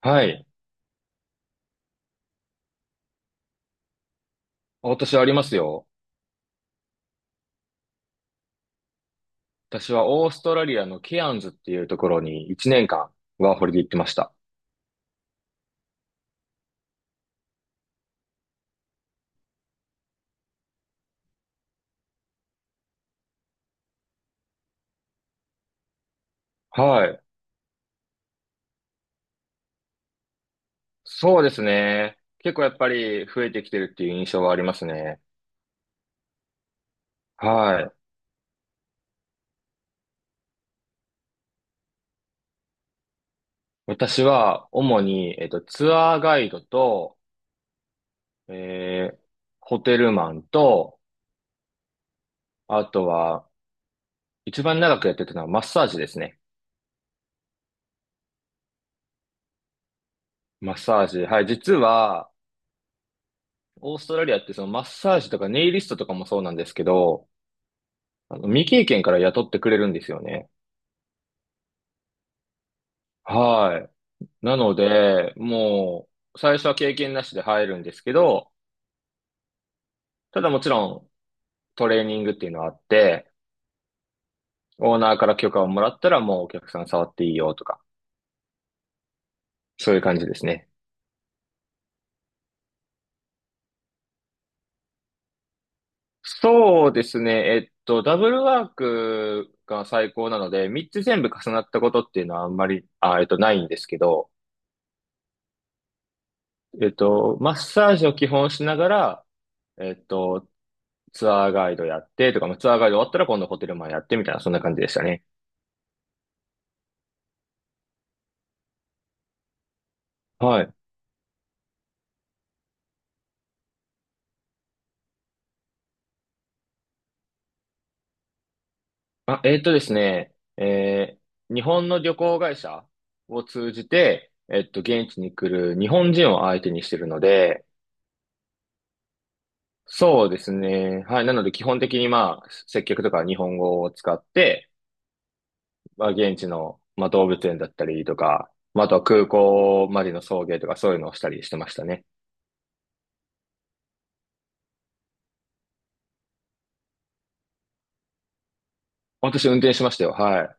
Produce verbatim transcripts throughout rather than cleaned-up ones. はい。私はありますよ。私はオーストラリアのケアンズっていうところにいちねんかんワーホリで行ってました。はい。そうですね。結構やっぱり増えてきてるっていう印象はありますね。はい。私は主に、えっと、ツアーガイドと、えー、ホテルマンと、あとは一番長くやってたのはマッサージですね。マッサージ。はい。実は、オーストラリアってそのマッサージとかネイリストとかもそうなんですけど、あの、未経験から雇ってくれるんですよね。はい。なので、もう、最初は経験なしで入るんですけど、ただもちろん、トレーニングっていうのはあって、オーナーから許可をもらったらもうお客さん触っていいよとか、そういう感じですね。そうですね。えっと、ダブルワークが最高なので、みっつ全部重なったことっていうのはあんまり、あ、えっと、ないんですけど、えっと、マッサージを基本しながら、えっと、ツアーガイドやってとか、まあ、ツアーガイド終わったら今度ホテルマンやってみたいな、そんな感じでしたね。はい。あ、えっとですね、えー日本の旅行会社を通じて、えっと、現地に来る日本人を相手にしてるので、そうですね。はい。なので、基本的にまあ、接客とかは日本語を使って、まあ、現地の、まあ、動物園だったりとか、まあ、あとは空港までの送迎とかそういうのをしたりしてましたね。私運転しましたよ。はい。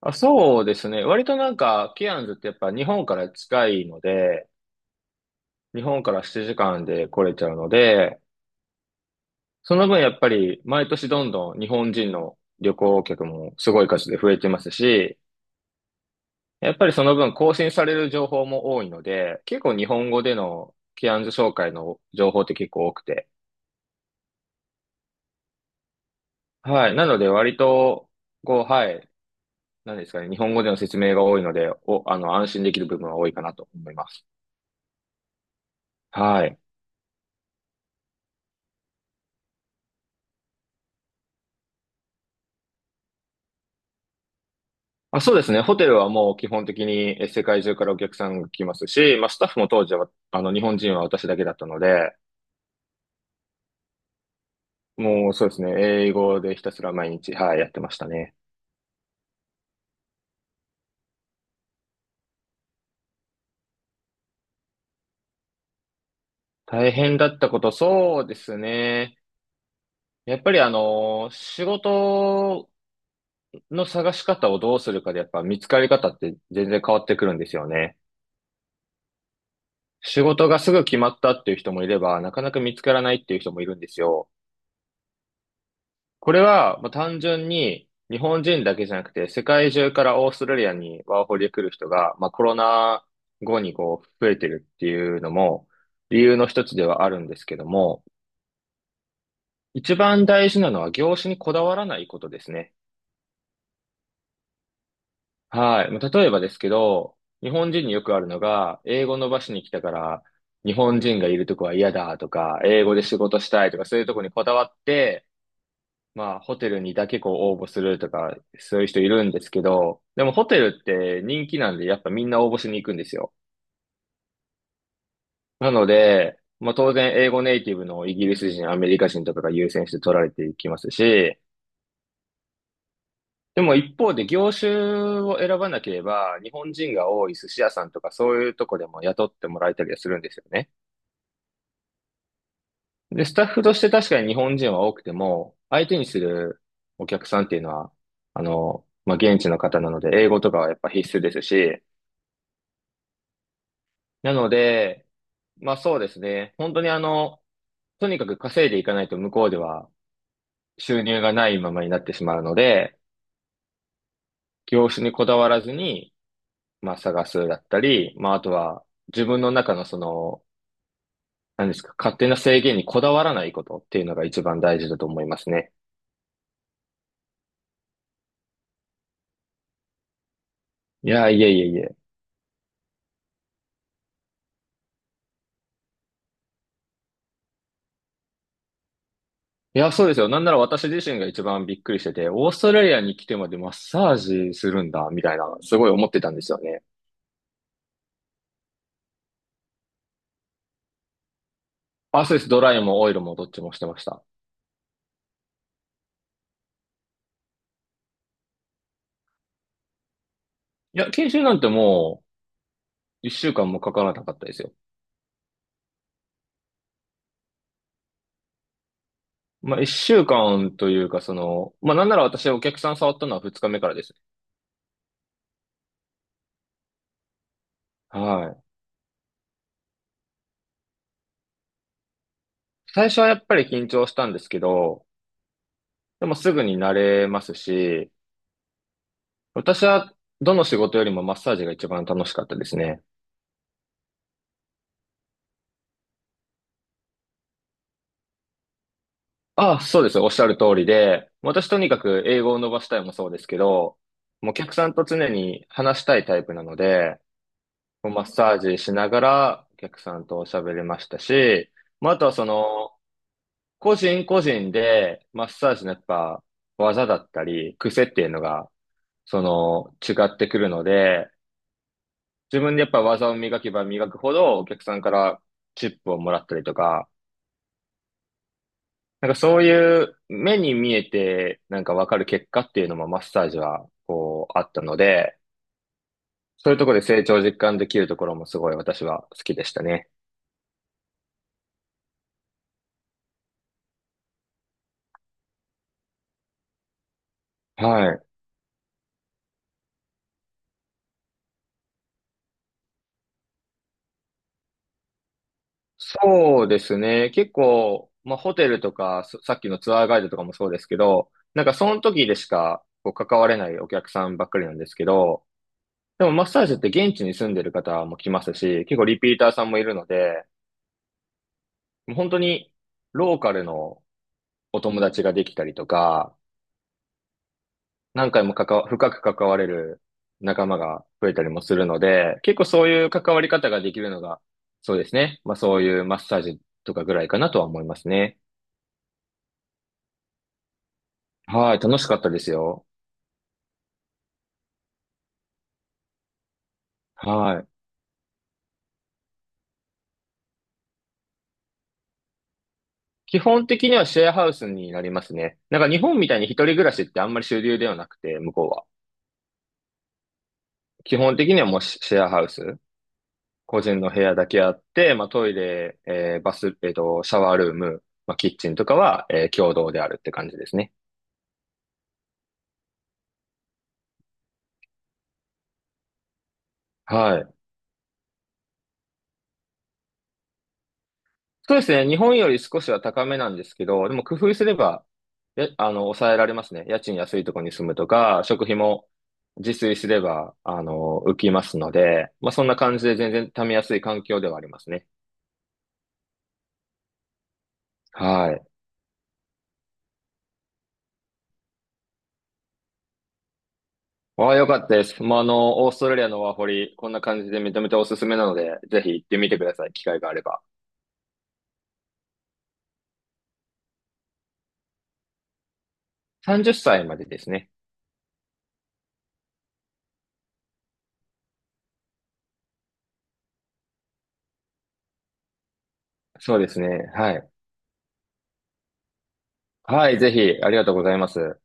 あ、そうですね。割となんか、ケアンズってやっぱ日本から近いので、日本からななじかんで来れちゃうので、その分やっぱり毎年どんどん日本人の旅行客もすごい数で増えてますし、やっぱりその分更新される情報も多いので、結構日本語でのケアンズ紹介の情報って結構多くて。はい。なので割と、こう、はい。何ですかね。日本語での説明が多いので、お、あの、安心できる部分は多いかなと思います。はい。あ、そうですね。ホテルはもう基本的にえ世界中からお客さんが来ますし、まあ、スタッフも当時は、あの、日本人は私だけだったので、もうそうですね。英語でひたすら毎日、はい、やってましたね。大変だったこと、そうですね。やっぱりあの、仕事の探し方をどうするかで、やっぱ見つかり方って全然変わってくるんですよね。仕事がすぐ決まったっていう人もいれば、なかなか見つからないっていう人もいるんですよ。これは、まあ、単純に日本人だけじゃなくて、世界中からオーストラリアにワーホリで来る人が、まあ、コロナ後にこう増えてるっていうのも理由の一つではあるんですけども、一番大事なのは業種にこだわらないことですね。はい。まあ、例えばですけど、日本人によくあるのが、英語伸ばしに来たから、日本人がいるとこは嫌だとか、英語で仕事したいとか、そういうとこにこだわって、まあ、ホテルにだけこう応募するとか、そういう人いるんですけど、でもホテルって人気なんで、やっぱみんな応募しに行くんですよ。なので、まあ当然英語ネイティブのイギリス人、アメリカ人とかが優先して取られていきますし、でも一方で業種を選ばなければ、日本人が多い寿司屋さんとかそういうとこでも雇ってもらえたりはするんですよね。で、スタッフとして確かに日本人は多くても、相手にするお客さんっていうのは、あの、まあ現地の方なので、英語とかはやっぱ必須ですし、なので、まあそうですね。本当にあの、とにかく稼いでいかないと向こうでは収入がないままになってしまうので、業種にこだわらずに、まあ探すだったり、まああとは自分の中のその、何ですか、勝手な制限にこだわらないことっていうのが一番大事だと思いますね。いや、いえいえいえ。いや、そうですよ。なんなら私自身が一番びっくりしてて、オーストラリアに来てまでマッサージするんだ、みたいな、すごい思ってたんですよね。あ、そうです。ドライもオイルもどっちもしてました。いや、研修なんてもう、一週間もかからなかったですよ。まあ、一週間というか、その、まあ、なんなら私お客さん触ったのはふつかめからです。はい。最初はやっぱり緊張したんですけど、でもすぐに慣れますし、私はどの仕事よりもマッサージが一番楽しかったですね。ああ、そうです。おっしゃる通りで、私とにかく英語を伸ばしたいもそうですけど、もうお客さんと常に話したいタイプなので、もうマッサージしながらお客さんと喋れましたし、まあ、あとはその、個人個人でマッサージのやっぱ技だったり、癖っていうのが、その、違ってくるので、自分でやっぱ技を磨けば磨くほどお客さんからチップをもらったりとか、なんかそういう目に見えてなんかわかる結果っていうのもマッサージはこうあったので、そういうところで成長実感できるところもすごい私は好きでしたね。はい。そうですね。結構、まあ、ホテルとか、そさっきのツアーガイドとかもそうですけど、なんかその時でしかこう関われないお客さんばっかりなんですけど、でもマッサージって現地に住んでる方も来ますし、結構リピーターさんもいるので、もう本当にローカルのお友達ができたりとか、何回も関わ、深く関われる仲間が増えたりもするので、結構そういう関わり方ができるのが、そうですね。まあそういうマッサージとかぐらいかなとは思いますね。はい、楽しかったですよ。はい。基本的にはシェアハウスになりますね。なんか日本みたいに一人暮らしってあんまり主流ではなくて、向こうは。基本的にはもうシシェアハウス。個人の部屋だけあって、まあトイレ、えーバス、えっと、シャワールーム、まあキッチンとかは、えー共同であるって感じですね。はい。そうですね。日本より少しは高めなんですけど、でも工夫すれば、や、あの、抑えられますね。家賃安いところに住むとか、食費も自炊すれば、あの、浮きますので、まあ、そんな感じで全然貯めやすい環境ではありますね。はい。ああ、よかったです。まあ、あの、オーストラリアのワーホリ、こんな感じで認めておすすめなので、ぜひ行ってみてください。機会があれば。さんじっさいまでですね。そうですね。はい。はい、ぜひ、ありがとうございます。